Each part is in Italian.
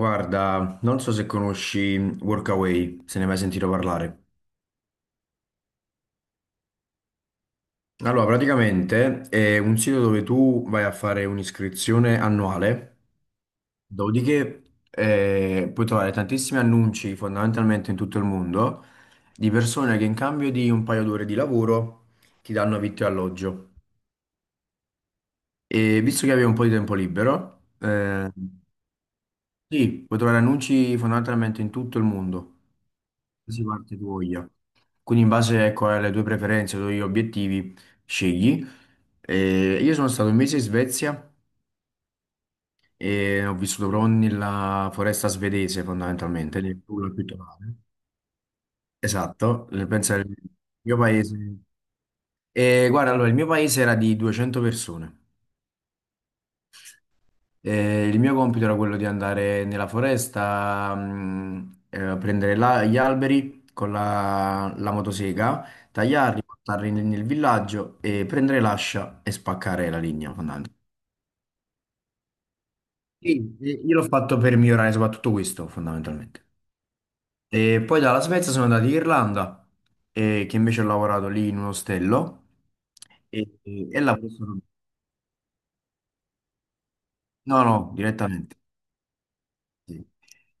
Guarda, non so se conosci Workaway, se ne hai mai sentito parlare. Allora, praticamente è un sito dove tu vai a fare un'iscrizione annuale, dopodiché puoi trovare tantissimi annunci fondamentalmente in tutto il mondo di persone che in cambio di un paio d'ore di lavoro ti danno vitto e alloggio. E visto che avevi un po' di tempo libero, sì, puoi trovare annunci fondamentalmente in tutto il mondo. Si parte tu voglia. Quindi in base, ecco, alle tue preferenze, ai tuoi obiettivi, scegli. E io sono stato 1 mese in Svezia e ho vissuto proprio nella foresta svedese fondamentalmente, nel nulla pittorale. Esatto, penso il mio paese. E guarda, allora, il mio paese era di 200 persone. Il mio compito era quello di andare nella foresta, a prendere gli alberi con la motosega, tagliarli, portarli nel villaggio e prendere l'ascia e spaccare la legna, fondamentalmente. Sì, io l'ho fatto per migliorare soprattutto questo, fondamentalmente. E poi dalla Svezia sono andato in Irlanda, che invece ho lavorato lì in un ostello e, e lavoro solo. No, no, direttamente. Sì,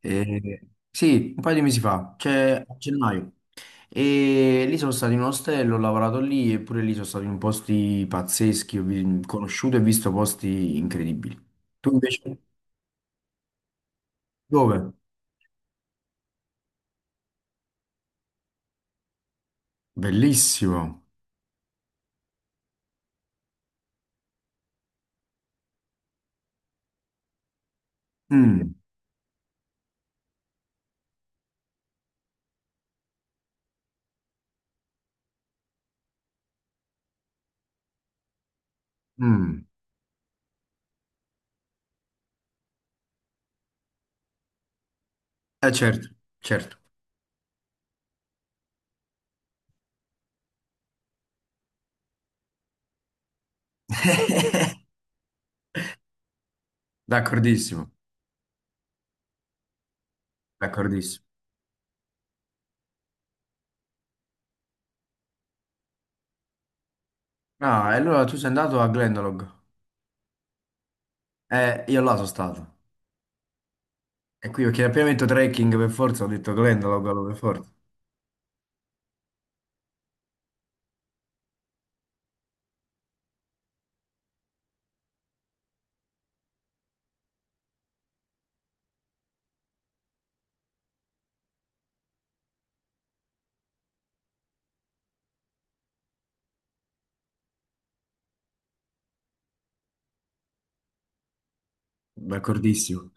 Sì, un paio di mesi fa, cioè a gennaio. E lì sono stato in un ostello, ho lavorato lì e pure lì sono stato in posti pazzeschi, conosciuto e visto posti incredibili. Tu invece? Dove? Bellissimo. Mm, mm. Eh certo, certo. D'accordissimo, d'accordissimo. Ah, e allora tu sei andato a Glendalough? Io là sono stato. E qui perché appena ho detto trekking per forza, ho detto Glendalough allora per forza. D'accordissimo.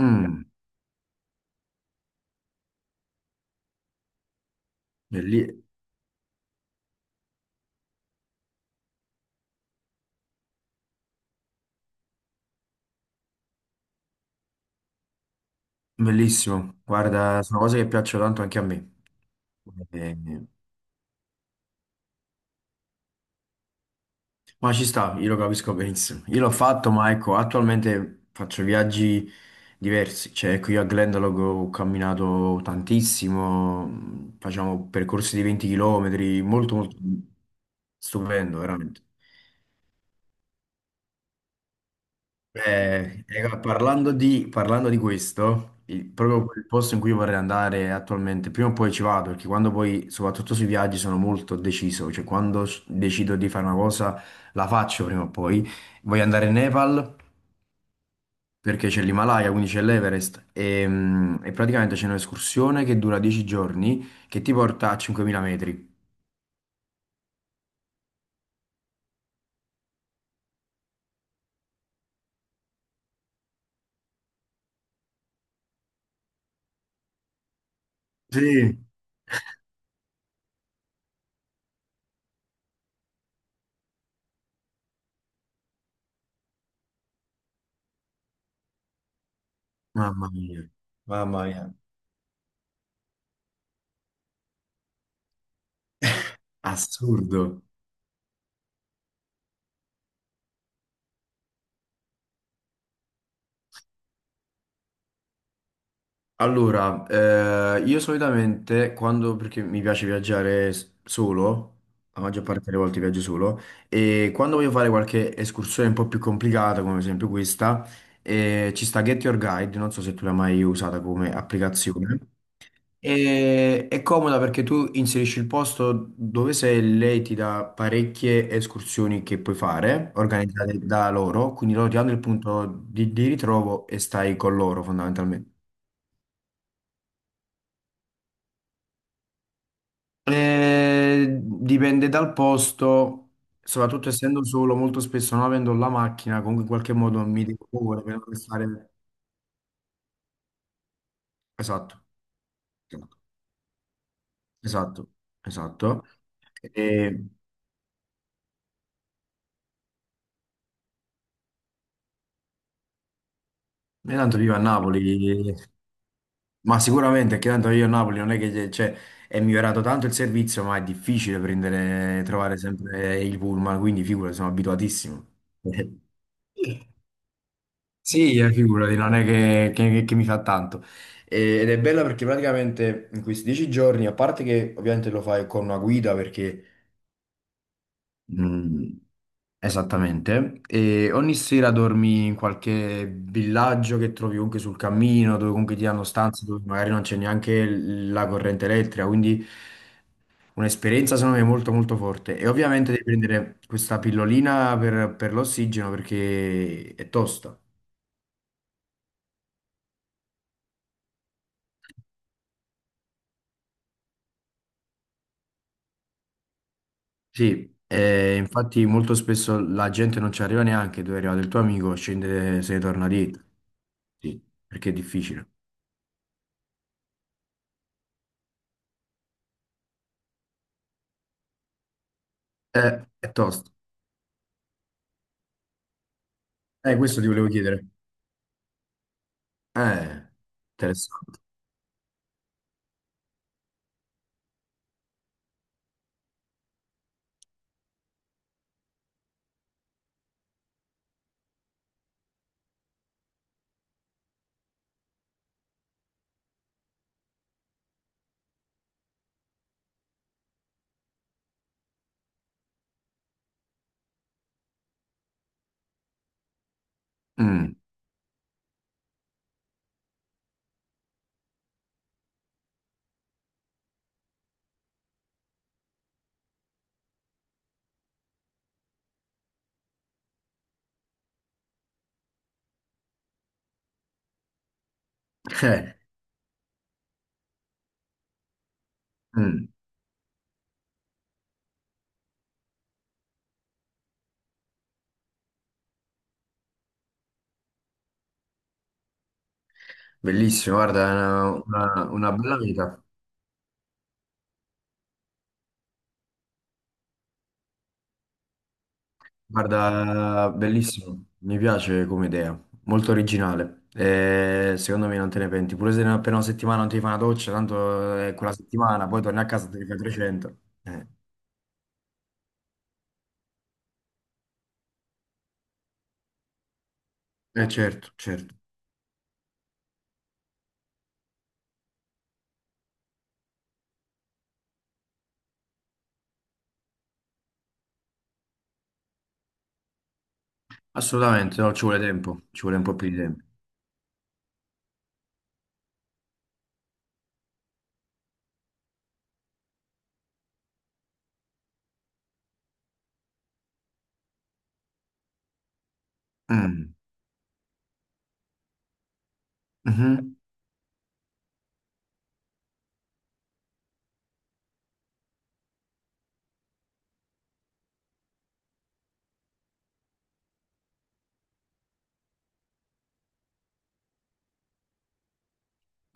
Mm, belli- bellissimo. Guarda, sono cose che piacciono tanto anche a me. Eh, ma ci sta, io lo capisco benissimo. Io l'ho fatto, ma ecco, attualmente faccio viaggi diversi. Cioè, qui a Glendalough ho camminato tantissimo, facciamo percorsi di 20 km, molto, molto stupendo, veramente. Parlando di questo, proprio il posto in cui vorrei andare attualmente, prima o poi ci vado, perché quando poi, soprattutto sui viaggi, sono molto deciso, cioè quando decido di fare una cosa, la faccio prima o poi. Voglio andare in Nepal perché c'è l'Himalaya, quindi c'è l'Everest e praticamente c'è un'escursione che dura 10 giorni che ti porta a 5.000 metri. Sì, mamma mia, mamma mia, assurdo. Allora, io solitamente quando, perché mi piace viaggiare solo, la maggior parte delle volte viaggio solo, e quando voglio fare qualche escursione un po' più complicata, come ad esempio questa, ci sta Get Your Guide, non so se tu l'hai mai usata come applicazione, e è comoda perché tu inserisci il posto dove sei e lei ti dà parecchie escursioni che puoi fare, organizzate da loro, quindi loro ti danno il punto di ritrovo e stai con loro fondamentalmente. Dipende dal posto, soprattutto essendo solo, molto spesso non avendo la macchina, comunque in qualche modo mi devo muovere per non stare. Esatto, esatto, esatto. E, e tanto vivo a Napoli, ma sicuramente che tanto io a Napoli non è che cioè, è migliorato tanto il servizio, ma è difficile prendere, trovare sempre il pullman, quindi figura, sono abituatissimo. Sì, figurati, non è che mi fa tanto. Ed è bella perché praticamente in questi 10 giorni, a parte che ovviamente lo fai con una guida perché mm, esattamente. E ogni sera dormi in qualche villaggio che trovi comunque sul cammino, dove comunque ti danno stanze dove magari non c'è neanche la corrente elettrica, quindi un'esperienza secondo me molto molto forte. E ovviamente devi prendere questa pillolina per l'ossigeno perché è tosta. Sì, e infatti molto spesso la gente non ci arriva neanche dove è arrivato il tuo amico, scende, se ne torna dietro. Sì, perché è difficile. È tosto. Questo ti volevo chiedere. Eh, Interessante. Mm. Eh, mm. Bellissimo, guarda, una bella vita. Guarda, bellissimo. Mi piace come idea, molto originale. Secondo me non te ne penti. Pure se appena una settimana non ti fai una doccia, tanto è quella settimana, poi torni a casa e te ne fai 300. Eh. Certo, certo, assolutamente, no, ci vuole tempo, ci vuole un po' più di tempo. Mm. Mhm.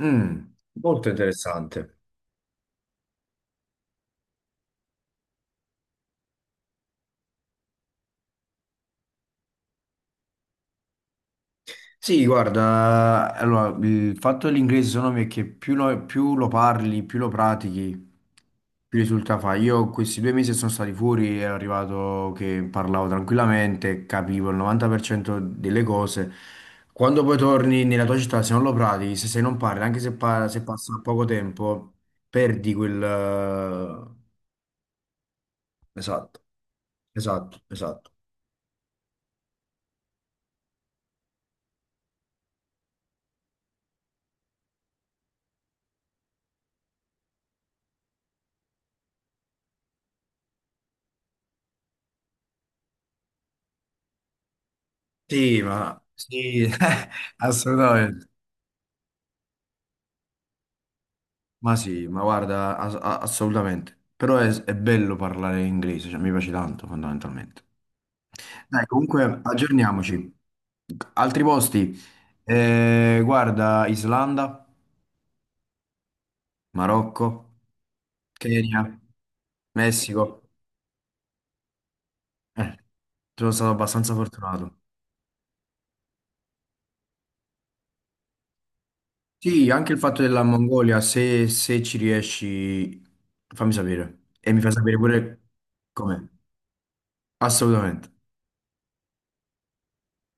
Mm. Molto interessante. Sì, guarda, allora, il fatto dell'inglese secondo me è che più lo parli, più lo pratichi, più risulta fa. Io questi due mesi che sono stati fuori e è arrivato che parlavo tranquillamente, capivo il 90% delle cose. Quando poi torni nella tua città, se non lo pratichi, se non parli, anche se passa poco tempo, perdi quel. Esatto, esatto, esatto. Sì, Sì, assolutamente. Ma sì, ma guarda, assolutamente. Però è bello parlare inglese, cioè mi piace tanto fondamentalmente. Dai, comunque aggiorniamoci. Altri posti? Guarda, Islanda, Marocco, Kenya, Messico. Eh, Sono stato abbastanza fortunato. Sì, anche il fatto della Mongolia, se ci riesci, fammi sapere. E mi fai sapere pure com'è. Assolutamente.